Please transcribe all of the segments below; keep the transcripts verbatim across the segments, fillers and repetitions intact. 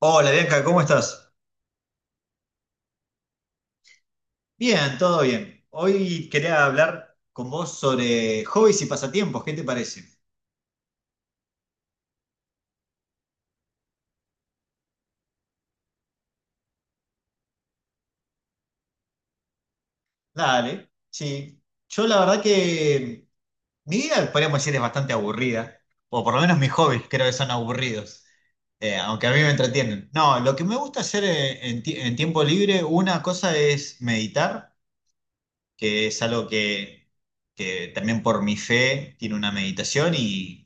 Hola Bianca, ¿cómo estás? Bien, todo bien. Hoy quería hablar con vos sobre hobbies y pasatiempos, ¿qué te parece? Dale, sí. Yo la verdad que mi vida, podríamos decir, es bastante aburrida, o por lo menos mis hobbies creo que son aburridos, eh, aunque a mí me entretienen. No, lo que me gusta hacer eh, en, ti- en tiempo libre, una cosa es meditar, que es algo que, que también por mi fe tiene una meditación y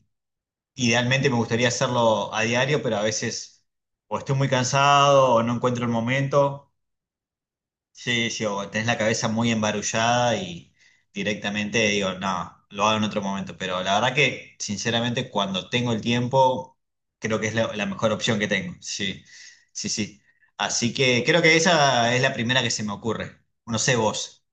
idealmente me gustaría hacerlo a diario, pero a veces o estoy muy cansado o no encuentro el momento. Sí, sí, o tenés la cabeza muy embarullada y directamente digo, no, lo hago en otro momento. Pero la verdad que, sinceramente, cuando tengo el tiempo, creo que es la, la mejor opción que tengo. Sí, sí, sí. Así que creo que esa es la primera que se me ocurre. No sé vos.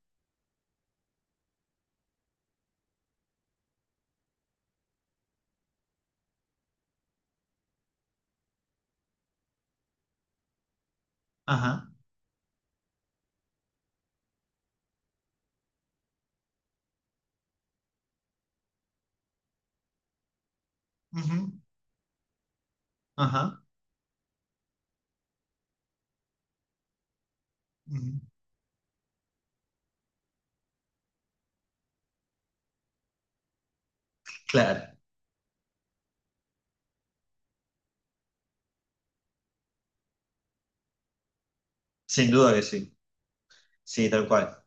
Ajá, ujú, ajá, ujú. Claro, sin duda que sí. Sí, tal cual.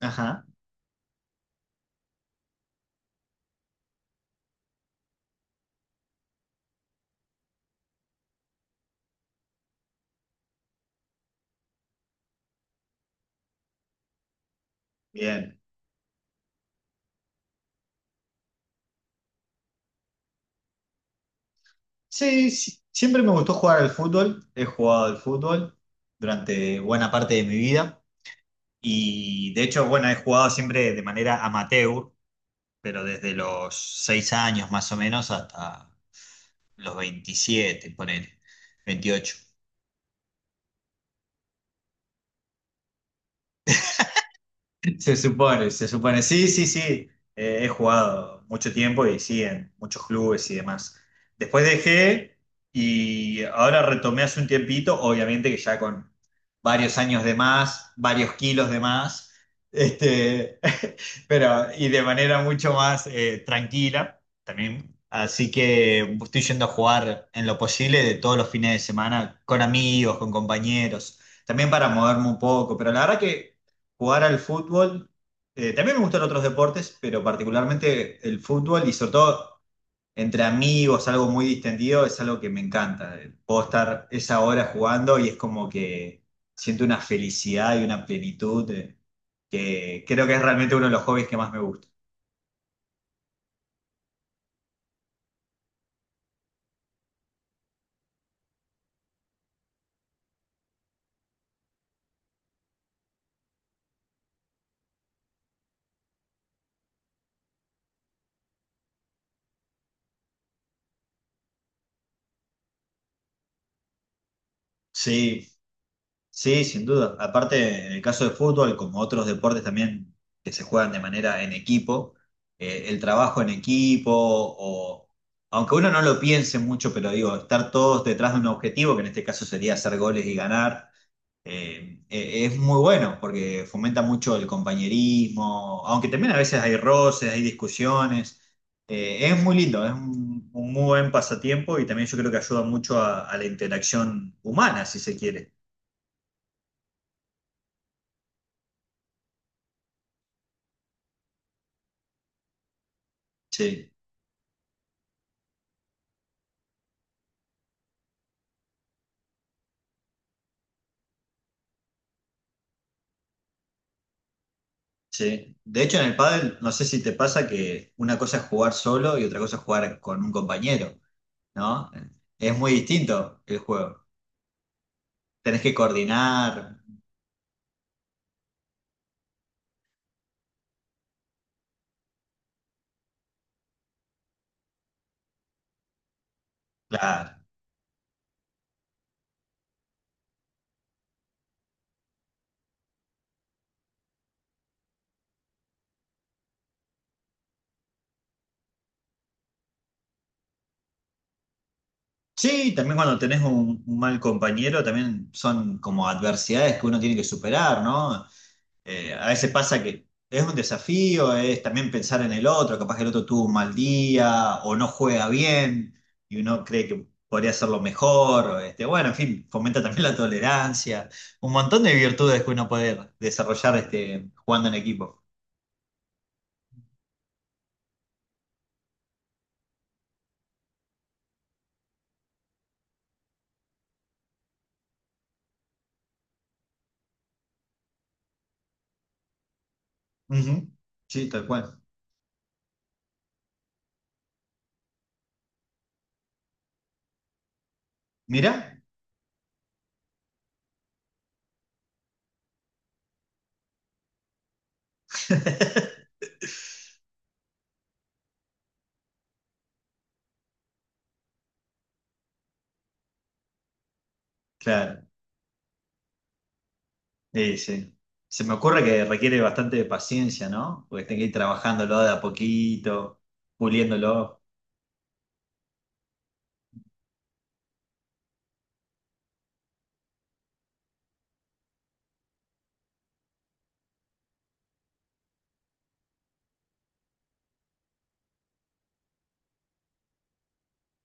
Ajá, bien. Sí, sí, siempre me gustó jugar al fútbol. He jugado al fútbol durante buena parte de mi vida y de hecho, bueno, he jugado siempre de manera amateur, pero desde los seis años más o menos hasta los veintisiete ponele, veintiocho. Se supone, se supone. Sí, sí, sí. Eh, he jugado mucho tiempo y sí, en muchos clubes y demás. Después dejé y ahora retomé hace un tiempito, obviamente que ya con varios años de más, varios kilos de más, este, pero y de manera mucho más eh, tranquila también. Así que estoy yendo a jugar en lo posible de todos los fines de semana con amigos, con compañeros, también para moverme un poco, pero la verdad que jugar al fútbol. Eh, también me gustan otros deportes, pero particularmente el fútbol y sobre todo entre amigos, algo muy distendido, es algo que me encanta. Eh, Puedo estar esa hora jugando y es como que siento una felicidad y una plenitud eh, que creo que es realmente uno de los hobbies que más me gusta. Sí. Sí, sin duda. Aparte, en el caso de fútbol, como otros deportes también que se juegan de manera en equipo, eh, el trabajo en equipo, o aunque uno no lo piense mucho, pero digo, estar todos detrás de un objetivo, que en este caso sería hacer goles y ganar, eh, e- es muy bueno porque fomenta mucho el compañerismo, aunque también a veces hay roces, hay discusiones. Eh, es muy lindo, es un, un muy buen pasatiempo y también yo creo que ayuda mucho a a la interacción humana, si se quiere. Sí. Sí. De hecho, en el pádel, no sé si te pasa que una cosa es jugar solo y otra cosa es jugar con un compañero, ¿no? Es muy distinto el juego. Tenés que coordinar, claro. Sí, también cuando tenés un, un mal compañero, también son como adversidades que uno tiene que superar, ¿no? Eh, a veces pasa que es un desafío, es también pensar en el otro, capaz que el otro tuvo un mal día o no juega bien y uno cree que podría hacerlo mejor. Este, bueno, en fin, fomenta también la tolerancia, un montón de virtudes que uno puede desarrollar este, jugando en equipo. Ujú, sí, tal cual. Mirá, claro, sí, sí. Se me ocurre que requiere bastante de paciencia, ¿no? Porque tenés que ir trabajándolo de a poquito, puliéndolo.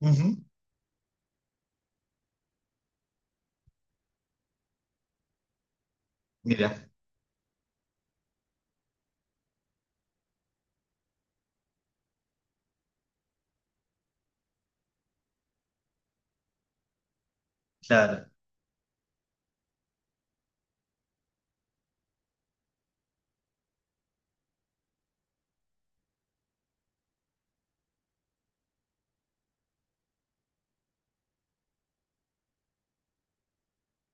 Ujú, mirá, claro.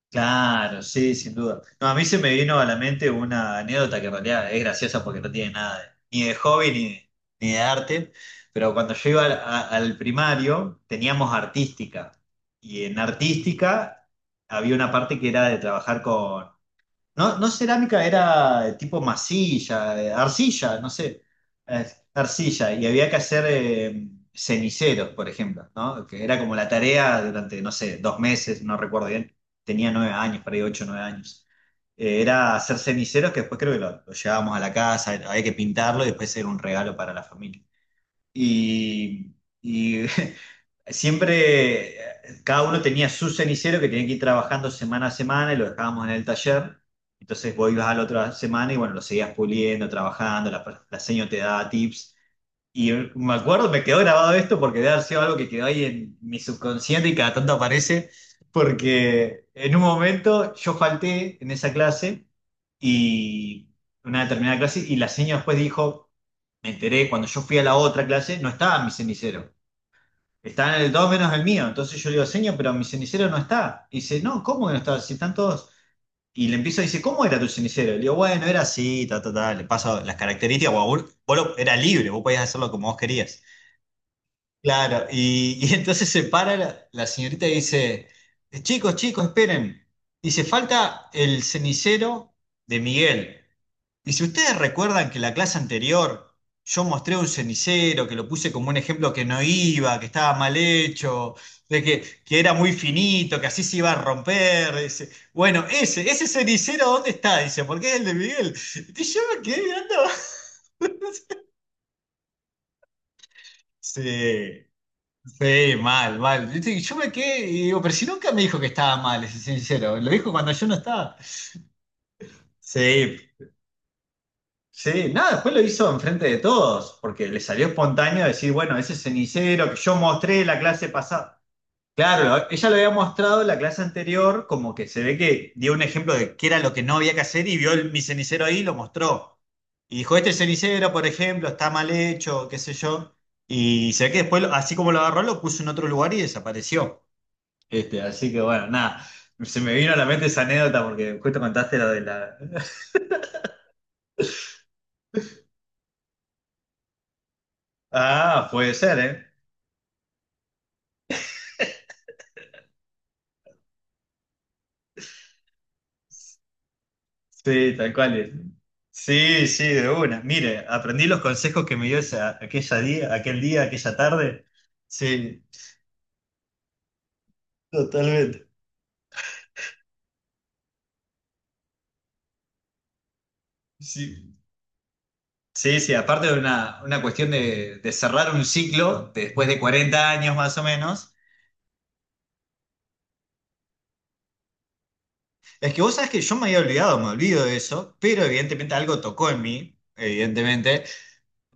Claro, sí, sin duda. No, a mí se me vino a la mente una anécdota que en realidad es graciosa porque no tiene nada de- ni de hobby ni de, ni de arte, pero cuando yo iba al, a- al primario teníamos artística y en artística había una parte que era de trabajar con no, no cerámica, era tipo masilla, eh, arcilla, no sé, eh, arcilla, y había que hacer eh, ceniceros, por ejemplo, ¿no? Que era como la tarea durante, no sé, dos meses, no recuerdo bien, tenía nueve años, por ahí ocho, nueve años. Eh, era hacer ceniceros que después creo que lo, lo llevábamos a la casa, había que pintarlo y después era un regalo para la familia y, y siempre eh, cada uno tenía su cenicero que tenía que ir trabajando semana a semana y lo dejábamos en el taller. Entonces vos ibas a la otra semana y bueno, lo seguías puliendo, trabajando, la, la seño te daba tips. Y me acuerdo, me quedó grabado esto porque debe haber sido algo que quedó ahí en mi subconsciente y cada tanto aparece, porque en un momento yo falté en esa clase y una determinada clase y la señora después dijo, me enteré, cuando yo fui a la otra clase no estaba mi cenicero, estaba en el todo menos el mío. Entonces yo le digo, señor, pero mi cenicero no está. Y dice, no, ¿cómo que no está? Si están todos... Y le empiezo a decir, ¿cómo era tu cenicero? Le digo, bueno, era así, ta, ta, ta, le paso las características, guau, vos, vos lo- era libre, vos podías hacerlo como vos querías. Claro, y, y entonces se para la, la señorita y dice, "Eh, chicos, chicos, esperen. Dice, falta el cenicero de Miguel. Dice, ¿ustedes recuerdan que la clase anterior yo mostré un cenicero, que lo puse como un ejemplo que no iba, que estaba mal hecho, de que, que era muy finito, que así se iba a romper? Dice, bueno, ese, ese cenicero, ¿dónde está? Dice, porque es el de Miguel. Y yo me quedé mirando. Sí. Sí, mal, mal. Yo, te- yo me quedé y digo, pero si nunca me dijo que estaba mal, es sincero. Lo dijo cuando yo no estaba. Sí, sí. Nada, después lo hizo enfrente de todos, porque le salió espontáneo decir, bueno, ese cenicero que yo mostré la clase pasada. Claro, ella lo había mostrado en la clase anterior, como que se ve que dio un ejemplo de qué era lo que no había que hacer y vio el- mi cenicero ahí y lo mostró. Y dijo, este cenicero, por ejemplo, está mal hecho, qué sé yo. Y se ve que después, así como lo agarró, lo puso en otro lugar y desapareció. Este, así que bueno, nada, se me vino a la mente esa anécdota porque justo contaste lo de la... Ah, puede ser, ¿eh? Sí, tal cual. Sí, sí, de una. Mire, aprendí los consejos que me dio esa, aquella día, aquel día, aquella tarde. Sí, totalmente. Sí, sí, sí, aparte de una, una cuestión de, de cerrar un ciclo de después de cuarenta años más o menos. Es que vos sabés que yo me había olvidado, me olvido de eso, pero evidentemente algo tocó en mí, evidentemente.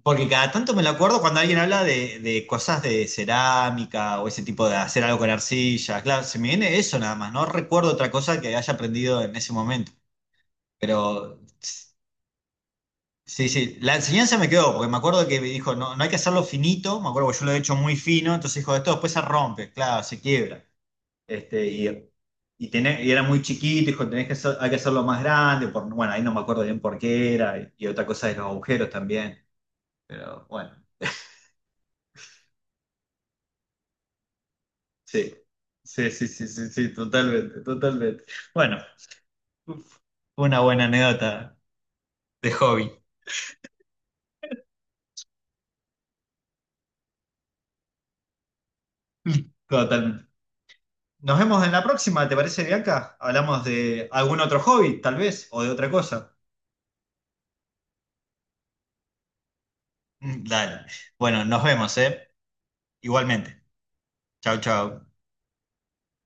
Porque cada tanto me lo acuerdo cuando alguien habla de, de cosas de cerámica o ese tipo de hacer algo con arcilla. Claro, se me viene eso nada más. No recuerdo otra cosa que haya aprendido en ese momento. Pero sí, sí, la enseñanza me quedó, porque me acuerdo que me dijo, no, no hay que hacerlo finito. Me acuerdo que yo lo he hecho muy fino, entonces dijo, esto después se rompe, claro, se quiebra. Este, y, y, tené- y era muy chiquito, dijo, tenés que hacer- hay que hacerlo más grande. Por, bueno, ahí no me acuerdo bien por qué era. Y, y otra cosa de los agujeros también. Pero bueno. Sí, sí, sí, sí, sí, sí, totalmente, totalmente. Bueno, fue una buena anécdota de hobby. Totalmente. Nos vemos en la próxima, ¿te parece, Bianca? Hablamos de algún otro hobby, tal vez, o de otra cosa. Mm, dale. Bueno, nos vemos, ¿eh? Igualmente. Chau, chau.